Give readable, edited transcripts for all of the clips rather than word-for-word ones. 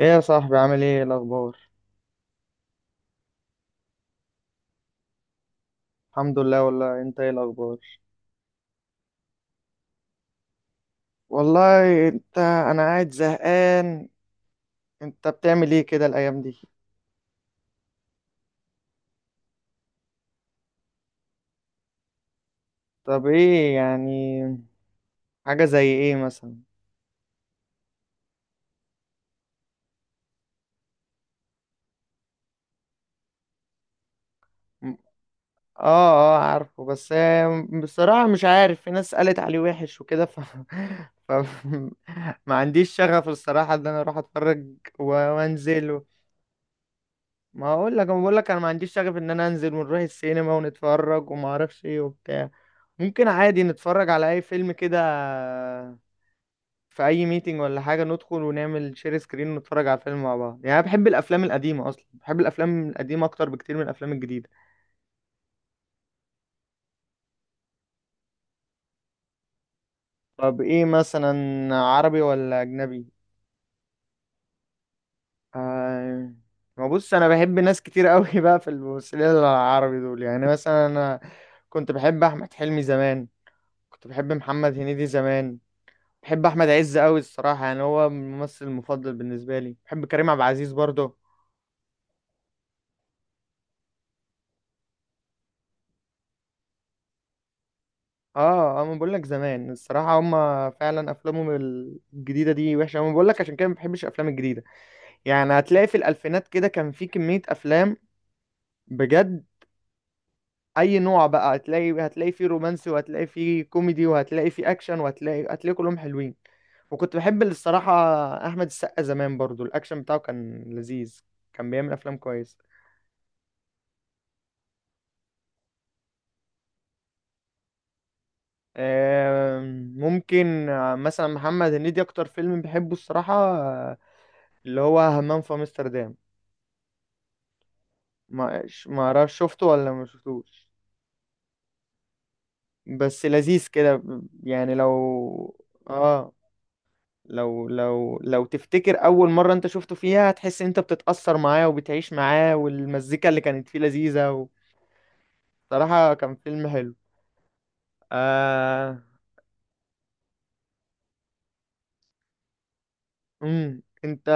ايه يا صاحبي، عامل ايه؟ إيه الاخبار؟ الحمد لله، والله انت، ايه الاخبار؟ والله انا قاعد زهقان. انت بتعمل ايه كده الايام دي؟ طب ايه يعني؟ حاجة زي ايه مثلا؟ م- اه، اه عارفه بس بصراحة مش عارف، في ناس قالت عليه وحش وكده ف... ما عنديش شغف الصراحة ان انا اروح اتفرج وانزل. ما اقول لك، انا بقول لك انا ما عنديش شغف ان انا انزل ونروح السينما ونتفرج وما اعرفش ايه وبتاع. ممكن عادي نتفرج على اي فيلم كده في اي ميتنج ولا حاجه، ندخل ونعمل شير سكرين ونتفرج على الفيلم مع بعض. يعني انا بحب الافلام القديمه، اصلا بحب الافلام القديمه اكتر بكتير من الافلام الجديده. طب ايه مثلا؟ عربي ولا اجنبي؟ آه... ما بص، انا بحب ناس كتير قوي بقى في الممثلين العربي دول. يعني مثلا انا كنت بحب احمد حلمي زمان، كنت بحب محمد هنيدي زمان، بحب احمد عز قوي الصراحه، يعني هو الممثل المفضل بالنسبه لي، بحب كريم عبد العزيز برضه. اه اه، ما بقول لك زمان الصراحه هما فعلا افلامهم الجديده دي وحشه، انا بقول لك عشان كده ما بحبش الافلام الجديده. يعني هتلاقي في الالفينات كده كان في كميه افلام، بجد. اي نوع بقى هتلاقي، فيه رومانسي، وهتلاقي فيه كوميدي، وهتلاقي فيه اكشن، هتلاقي كلهم حلوين. وكنت بحب الصراحه احمد السقا زمان برضه، الاكشن بتاعه كان لذيذ، كان بيعمل افلام كويسه. ممكن، مثلا محمد هنيدي اكتر فيلم بحبه الصراحة، اللي هو همام في امستردام. ما اعرفش شفته ولا ما شفتوش، بس لذيذ كده يعني لو، اه، لو تفتكر اول مرة انت شفته فيها، هتحس ان انت بتتأثر معاه وبتعيش معاه، والمزيكا اللي كانت فيه لذيذة صراحة كان فيلم حلو. آه. انت،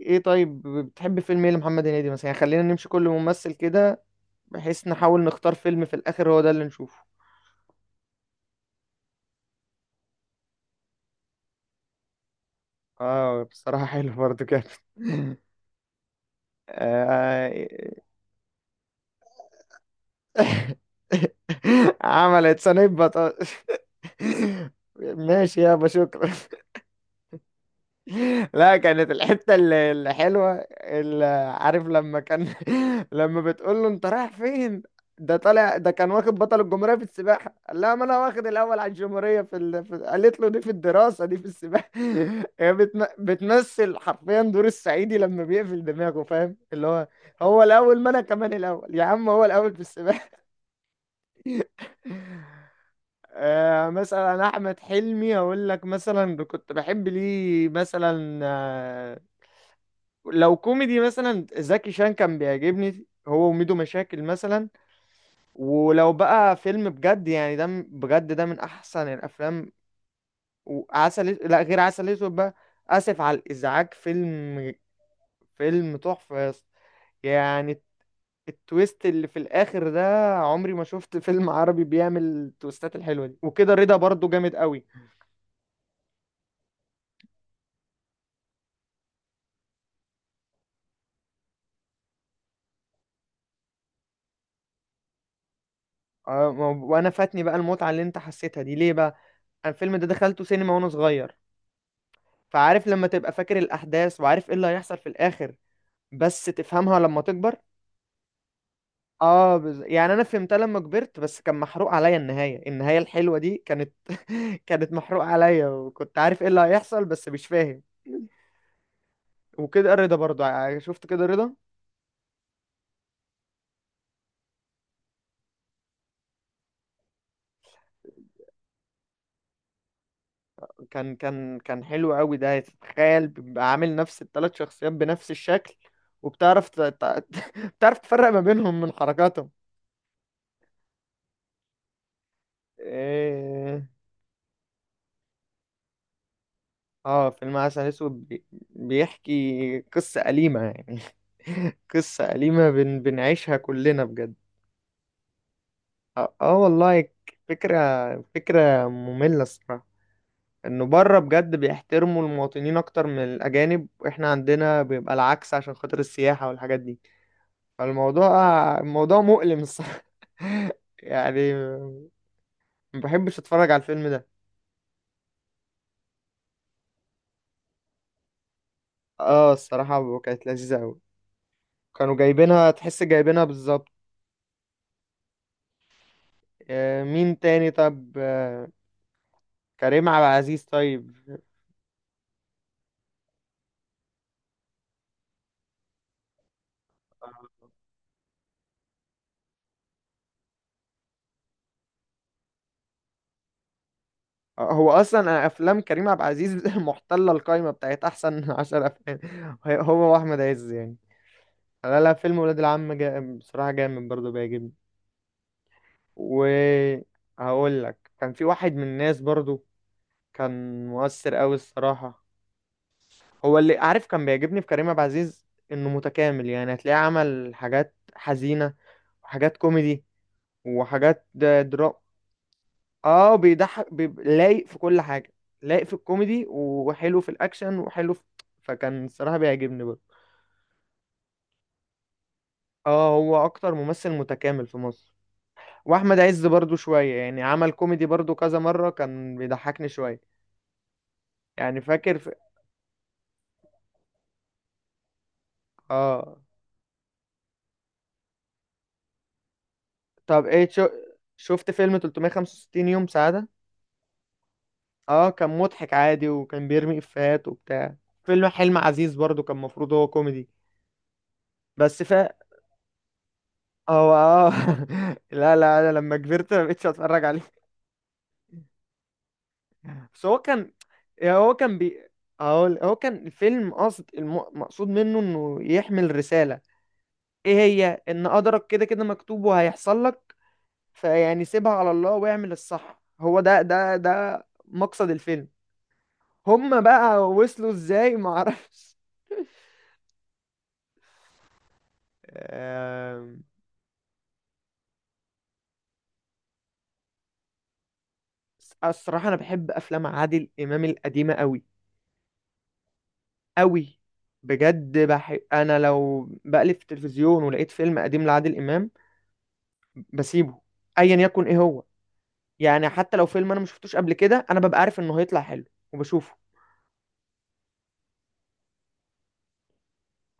ايه طيب؟ بتحب فيلم ايه لمحمد هنيدي مثلا؟ يعني خلينا نمشي كل ممثل كده، بحيث نحاول نختار فيلم في الآخر هو ده اللي نشوفه. اه، بصراحة حلو برضو كده آه، عملت صينية بطاطس. ماشي يابا، شكرا. لا، كانت الحتة الحلوة اللي، عارف، لما كان لما بتقول له انت رايح فين، ده طالع، ده كان واخد بطل الجمهورية في السباحة، قال لها ما انا واخد الاول على الجمهورية قالت له دي في الدراسة، دي في السباحة. هي بتمثل حرفيا دور الصعيدي لما بيقفل دماغه، فاهم اللي هو، هو الاول، ما انا كمان الاول يا عم، هو الاول في السباحة. آه، مثلا احمد حلمي، اقول لك مثلا كنت بحب ليه مثلا. لو كوميدي، مثلا زكي شان كان بيعجبني، هو وميدو مشاكل مثلا. ولو بقى فيلم بجد، يعني ده بجد ده من احسن الافلام. لا غير عسل اسود بقى، اسف على الازعاج، فيلم، فيلم تحفه يا اسطى. يعني التويست اللي في الاخر ده، عمري ما شفت فيلم عربي بيعمل التويستات الحلوه دي، وكده رضا برضو جامد قوي. وانا فاتني بقى المتعه اللي انت حسيتها دي، ليه بقى؟ أنا الفيلم ده دخلته سينما وانا صغير، فعارف لما تبقى فاكر الأحداث وعارف ايه اللي هيحصل في الآخر بس تفهمها لما تكبر. اه، يعني انا فهمتها لما كبرت، بس كان محروق عليا النهاية الحلوة دي كانت كانت محروق عليا، وكنت عارف ايه اللي هيحصل بس مش فاهم. وكده الرضا برضو، شفت كده الرضا. كان حلو قوي ده، تخيل بيبقى عامل نفس الثلاث شخصيات بنفس الشكل، وبتعرف ت... ت... بتعرف تفرق ما بينهم من حركاتهم. إيه... اه، فيلم عسل اسود بيحكي قصة أليمة، يعني قصة أليمة بنعيشها كلنا بجد. اه، والله فكرة مملة الصراحة، انه بره بجد بيحترموا المواطنين اكتر من الاجانب، واحنا عندنا بيبقى العكس عشان خاطر السياحة والحاجات دي. فالموضوع الموضوع مؤلم الصراحة. يعني ما بحبش اتفرج على الفيلم ده. اه الصراحة كانت لذيذة اوي، كانوا جايبينها، تحس جايبينها بالظبط. مين تاني؟ طب كريم عبد العزيز طيب. هو اصلا افلام كريم عبد العزيز محتله القايمه بتاعت احسن عشر افلام، هو واحمد عز يعني. لا لا، فيلم ولاد العم بصراحه جامد برضه بيعجبني، وهقول لك، كان في واحد من الناس برضه كان مؤثر قوي الصراحه. هو، اللي عارف كان بيعجبني في كريم عبد العزيز، انه متكامل. يعني هتلاقيه عمل حاجات حزينه، وحاجات كوميدي، وحاجات درام. اه، بيضحك لايق في كل حاجة، لايق في الكوميدي، وحلو في الأكشن، وحلو فكان الصراحة بيعجبني برضه. اه، هو أكتر ممثل متكامل في مصر. وأحمد عز برضه شوية يعني، عمل كوميدي برضه كذا مرة، كان بيضحكني شوية. يعني فاكر اه، طب ايه شفت فيلم 365 يوم سعادة؟ اه كان مضحك عادي، وكان بيرمي إفيهات وبتاع. فيلم حلم عزيز برضه كان المفروض هو كوميدي، بس هو، لا لا، انا لما كبرت ما بقتش اتفرج عليه. بس هو كان، هو كان هقول، هو كان الفيلم قصد مقصود منه انه يحمل رسالة. ايه هي؟ ان قدرك كده كده مكتوب وهيحصل لك. فيعني سيبها على الله واعمل الصح، هو ده مقصد الفيلم. هما بقى وصلوا ازاي معرفش. آم، الصراحة انا بحب افلام عادل امام القديمة قوي قوي، بجد. انا لو بقلب في التلفزيون ولقيت فيلم قديم لعادل امام بسيبه، ايا يكن ايه هو، يعني حتى لو فيلم انا ما شفتوش قبل كده انا ببقى عارف انه هيطلع حلو وبشوفه.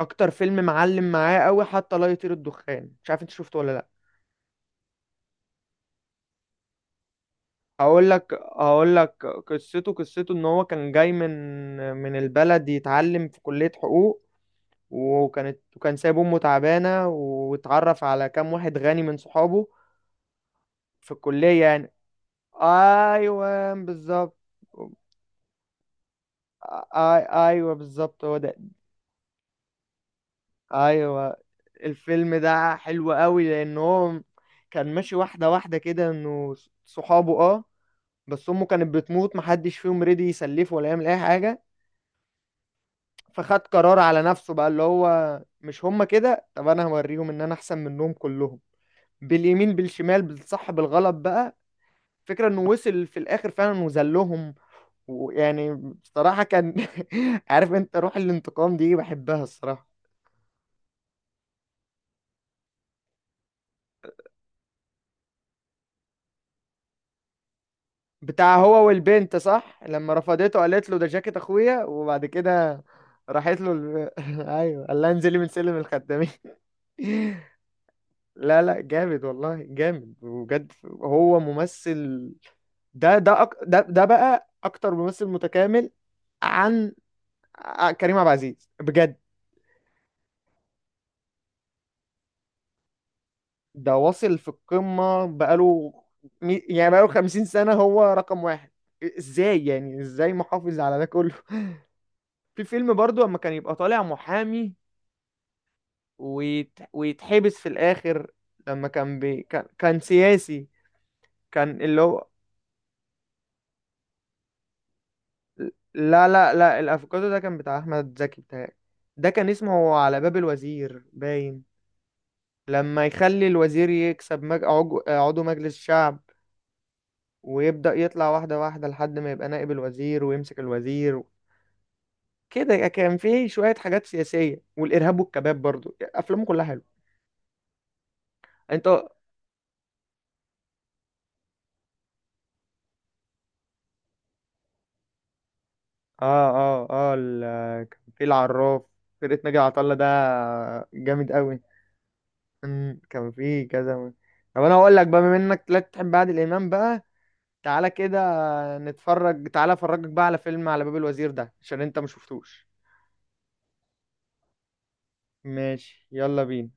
اكتر فيلم معلم معايا قوي حتى لا يطير الدخان، مش عارف انت شفته ولا لا. هقول لك قصته، ان هو كان جاي من البلد يتعلم في كلية حقوق، وكان سايب امه تعبانة، واتعرف على كام واحد غني من صحابه في الكلية يعني. ايوه بالظبط. آ- آ- ايوه بالظبط، هو ده. ايوه الفيلم ده حلو قوي، لان هو كان ماشي واحده واحده كده، انه صحابه، بس امه كانت بتموت محدش فيهم رضي يسلفه ولا يعمل اي حاجه، فخد قرار على نفسه بقى، اللي هو مش هما كده، طب انا هوريهم ان انا احسن منهم كلهم، باليمين بالشمال بالصح بالغلط بقى. فكرة انه وصل في الاخر فعلا وذلهم. ويعني، بصراحة كان عارف، انت روح الانتقام دي بحبها الصراحة. بتاع هو والبنت، صح، لما رفضته قالت له ده جاكيت اخويا، وبعد كده راحت له ايوه، قال لها انزلي من سلم الخدامين. لا لا، جامد والله، جامد، وبجد هو ممثل، ده ده أك... ده ده بقى اكتر ممثل متكامل عن كريم عبد العزيز بجد. ده واصل في القمة بقاله، يعني بقاله 50 سنة هو رقم واحد. ازاي يعني؟ ازاي محافظ على ده كله؟ في فيلم برضو اما كان يبقى طالع محامي ويتحبس في الآخر، لما كان كان سياسي، كان اللي هو. لا لا لا، الافوكادو ده كان بتاع احمد زكي بتاعي، ده كان اسمه على باب الوزير باين. لما يخلي الوزير يكسب عضو مجلس الشعب، ويبدأ يطلع واحدة واحدة لحد ما يبقى نائب الوزير ويمسك الوزير. كده كان فيه شوية حاجات سياسية، والإرهاب والكباب برضو، أفلامه كلها حلوة. أنت، اه اه اه، كان في العراف، فرقة ناجي عطا الله ده، جامد قوي. كان في كذا طب انا هقول لك بقى، بما انك لا تحب عادل امام بقى، تعالى كده نتفرج، تعالى افرجك بقى على فيلم على باب الوزير ده، عشان انت مشفتوش. ماشي، يلا بينا.